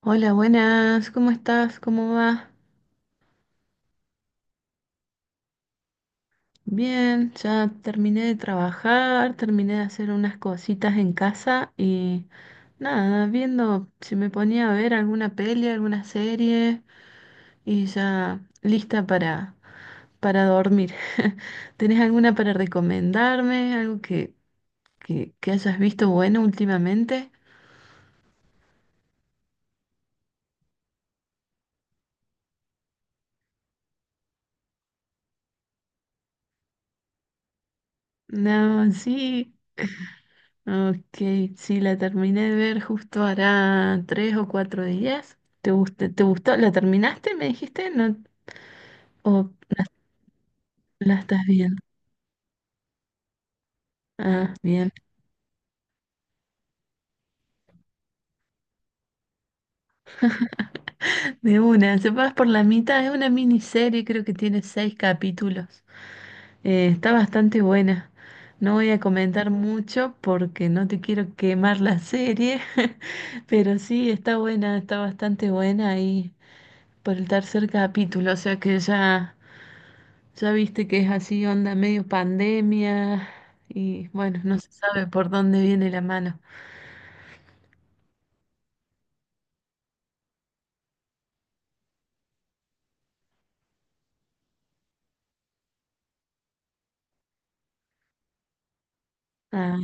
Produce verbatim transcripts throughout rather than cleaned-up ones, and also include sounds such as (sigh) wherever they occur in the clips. Hola, buenas, ¿cómo estás? ¿Cómo vas? Bien, ya terminé de trabajar, terminé de hacer unas cositas en casa y nada, viendo si me ponía a ver alguna peli, alguna serie y ya lista para, para dormir. (laughs) ¿Tenés alguna para recomendarme? ¿Algo que, que, que hayas visto bueno últimamente? No, sí. Ok, sí, la terminé de ver justo hará tres o cuatro días. ¿Te gustó? ¿Te gustó? ¿La terminaste, me dijiste? ¿No? ¿O la estás viendo? Ah, bien. De una, se pasa por la mitad, es una miniserie, creo que tiene seis capítulos. Eh, está bastante buena. No voy a comentar mucho porque no te quiero quemar la serie, (laughs) pero sí, está buena, está bastante buena ahí por el tercer capítulo, o sea que ya... Ya viste que es así, onda medio pandemia y bueno, no se sabe por dónde viene la mano. Ah,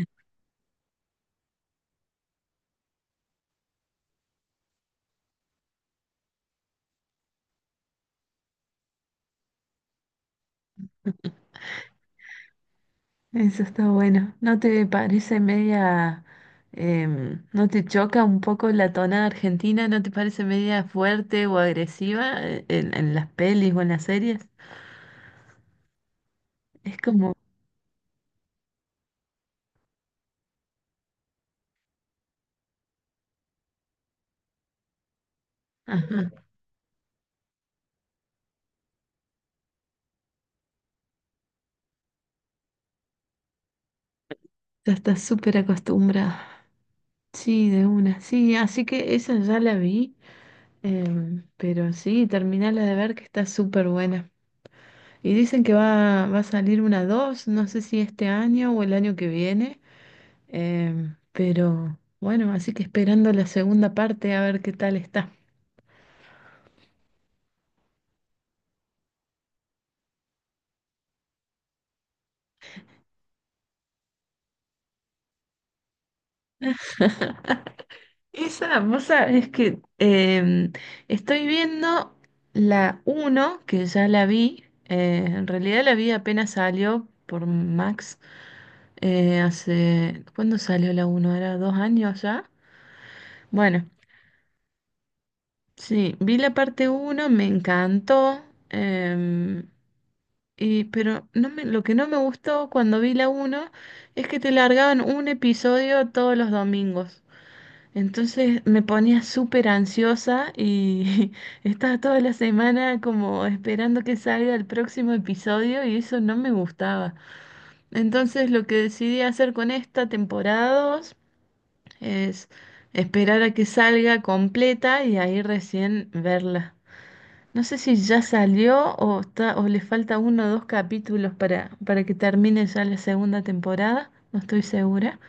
eso está bueno. ¿No te parece media, em, no te choca un poco la tonada argentina? ¿No te parece media fuerte o agresiva eh, en, en las pelis o en las series? Es como, ajá, ya estás súper acostumbrada. Sí, de una, sí, así que esa ya la vi, em, pero sí, terminala de ver que está súper buena. Y dicen que va, va a salir una dos, no sé si este año o el año que viene, em, pero bueno, así que esperando la segunda parte a ver qué tal está. (laughs) Esa, vos sabés que em, estoy viendo la uno, que ya la vi, eh, en realidad la vi apenas salió por Max, eh, hace, ¿cuándo salió la uno? ¿Era dos años ya? Bueno, sí, vi la parte uno, me encantó. em, Eh, pero no me, lo que no me gustó cuando vi la uno es que te largaban un episodio todos los domingos. Entonces me ponía súper ansiosa y (laughs) estaba toda la semana como esperando que salga el próximo episodio y eso no me gustaba. Entonces lo que decidí hacer con esta temporada dos es esperar a que salga completa y ahí recién verla. No sé si ya salió o está, o le falta uno o dos capítulos para, para que termine ya la segunda temporada, no estoy segura.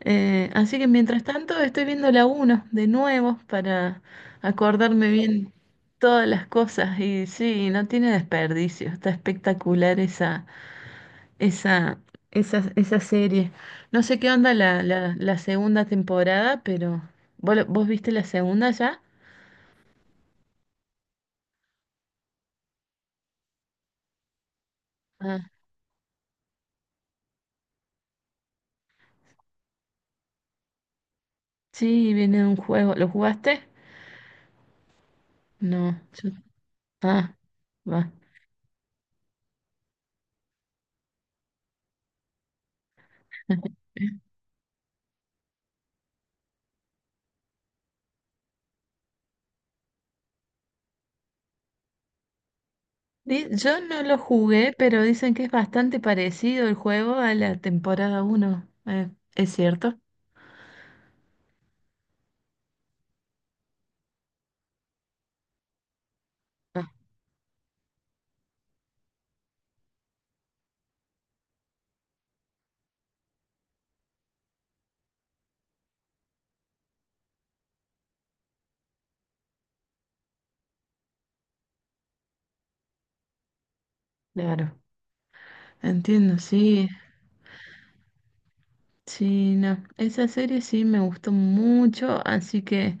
Eh, así que mientras tanto estoy viendo la uno de nuevo para acordarme bien todas las cosas. Y sí, no tiene desperdicio, está espectacular esa, esa, esa, esa serie. No sé qué onda la, la, la segunda temporada, pero ¿vos, lo- vos viste la segunda ya? Ah, sí, viene un juego, ¿lo jugaste? No, yo, ah, va. (laughs) Di- Yo no lo jugué, pero dicen que es bastante parecido el juego a la temporada uno. Eh, ¿es cierto? Ah, claro. Entiendo, sí. Sí, no. Esa serie sí me gustó mucho, así que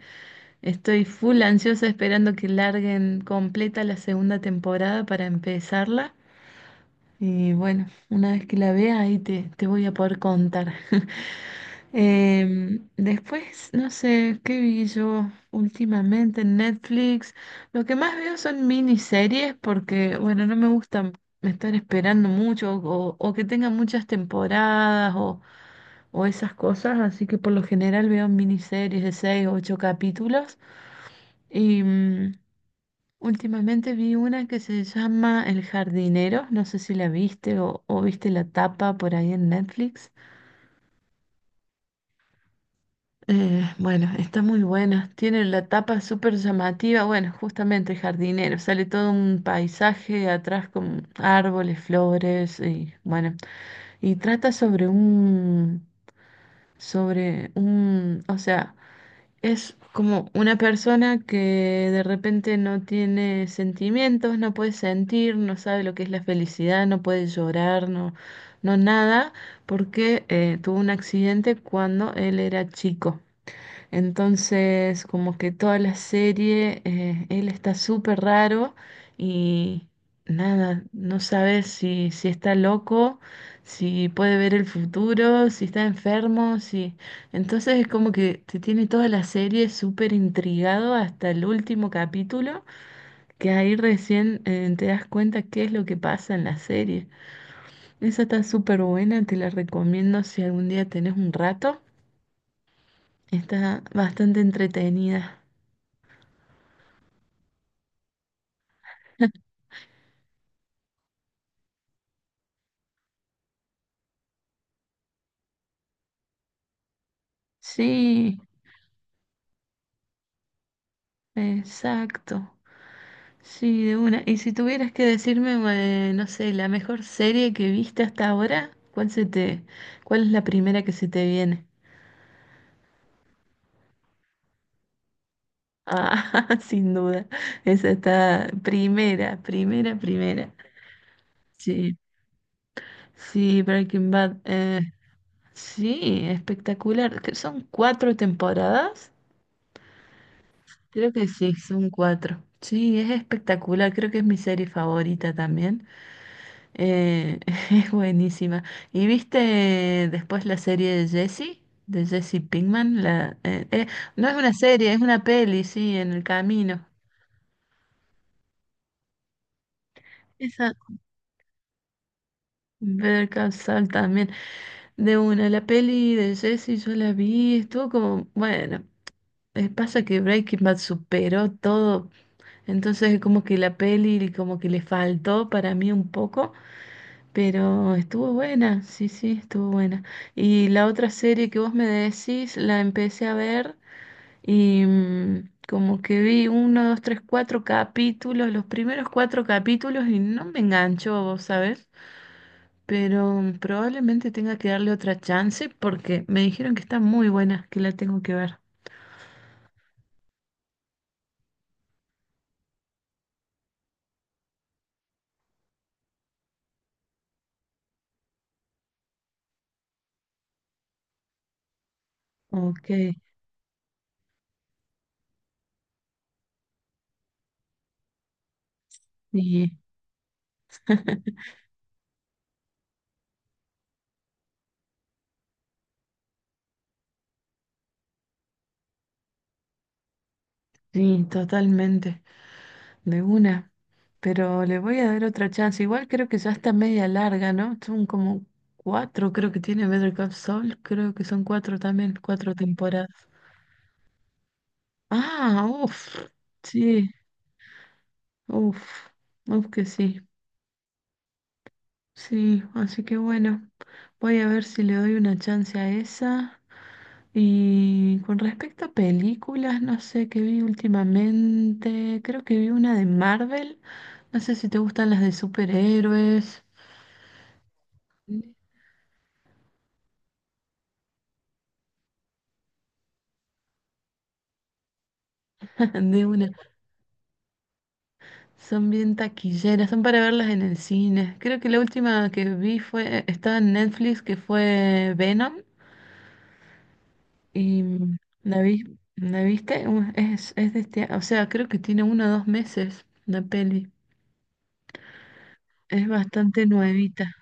estoy full ansiosa esperando que larguen completa la segunda temporada para empezarla. Y bueno, una vez que la vea ahí te, te voy a poder contar. (laughs) Em, después, no sé, ¿qué vi yo últimamente en Netflix? Lo que más veo son miniseries porque, bueno, no me gustan estar esperando mucho o, o que tengan muchas temporadas o, o esas cosas, así que por lo general veo miniseries de seis o ocho capítulos. Y mm, últimamente vi una que se llama El jardinero, no sé si la viste o, o viste la tapa por ahí en Netflix. Eh, bueno, está muy buena. Tiene la tapa súper llamativa. Bueno, justamente jardinero. Sale todo un paisaje atrás con árboles, flores y bueno. Y trata sobre un, sobre un, o sea, es como una persona que de repente no tiene sentimientos, no puede sentir, no sabe lo que es la felicidad, no puede llorar, no, no nada, porque eh, tuvo un accidente cuando él era chico. Entonces, como que toda la serie, eh, él está súper raro y nada, no sabes si, si está loco, si puede ver el futuro, si está enfermo, si... Entonces es como que te tiene toda la serie súper intrigado hasta el último capítulo, que ahí recién eh, te das cuenta qué es lo que pasa en la serie. Esa está súper buena, te la recomiendo si algún día tenés un rato. Está bastante entretenida. Sí, exacto. Sí, de una. Y si tuvieras que decirme, eh, no sé, la mejor serie que viste hasta ahora, ¿cuál se te, cuál es la primera que se te viene? Ah, (laughs) sin duda. Esa está primera, primera, primera. Sí, sí, Breaking Bad. Eh, sí, espectacular. Que ¿Son cuatro temporadas? Creo que sí, son cuatro. Sí, es espectacular. Creo que es mi serie favorita también. Eh, (laughs) es buenísima. ¿Y viste después la serie de Jesse? De Jesse Pinkman. La, eh, eh, no es una serie, es una peli, sí, en el camino. Esa. Better Call Saul también. De una, la peli de Jesse yo la vi, estuvo como, bueno, eh, pasa que Breaking Bad superó todo, entonces como que la peli como que le faltó para mí un poco, pero estuvo buena, sí, sí, estuvo buena. Y la otra serie que vos me decís, la empecé a ver y mm, como que vi uno, dos, tres, cuatro capítulos, los primeros cuatro capítulos y no me enganchó, vos sabés. Pero mm, probablemente tenga que darle otra chance porque me dijeron que está muy buena, que la tengo que ver. Ok, y (laughs) sí, totalmente. De una. Pero le voy a dar otra chance. Igual creo que ya está media larga, ¿no? Son como cuatro, creo que tiene Better Call Saul. Creo que son cuatro también, cuatro temporadas. Ah, uff. Sí, uff. Uff que sí. Sí, así que bueno, voy a ver si le doy una chance a esa. Y con respecto a películas, no sé qué vi últimamente. Creo que vi una de Marvel. No sé si te gustan las de superhéroes. De una. Son bien taquilleras, son para verlas en el cine. Creo que la última que vi fue, eh, estaba en Netflix, que fue Venom, y la vi, ¿la viste? Uh, Es, es de este, o sea, creo que tiene uno o dos meses la peli. Es bastante nuevita.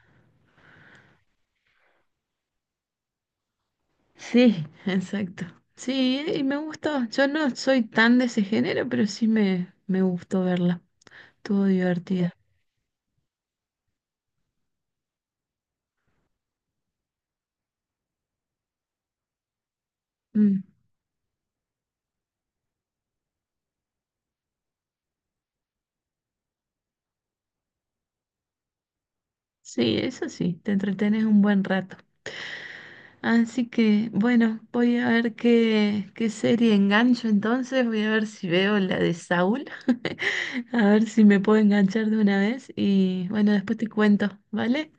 Sí, (laughs) exacto. Sí, y me gustó. Yo no soy tan de ese género, pero sí me, me gustó verla. Estuvo divertida. Mm, Sí, eso sí, te entretenes un buen rato. Así que, bueno, voy a ver qué, qué serie engancho entonces. Voy a ver si veo la de Saúl. (laughs) A ver si me puedo enganchar de una vez. Y bueno, después te cuento, ¿vale?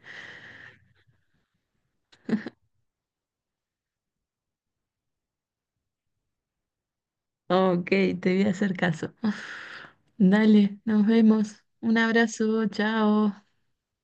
Ok, te voy a hacer caso. (laughs) Dale, nos vemos. Un abrazo, chao.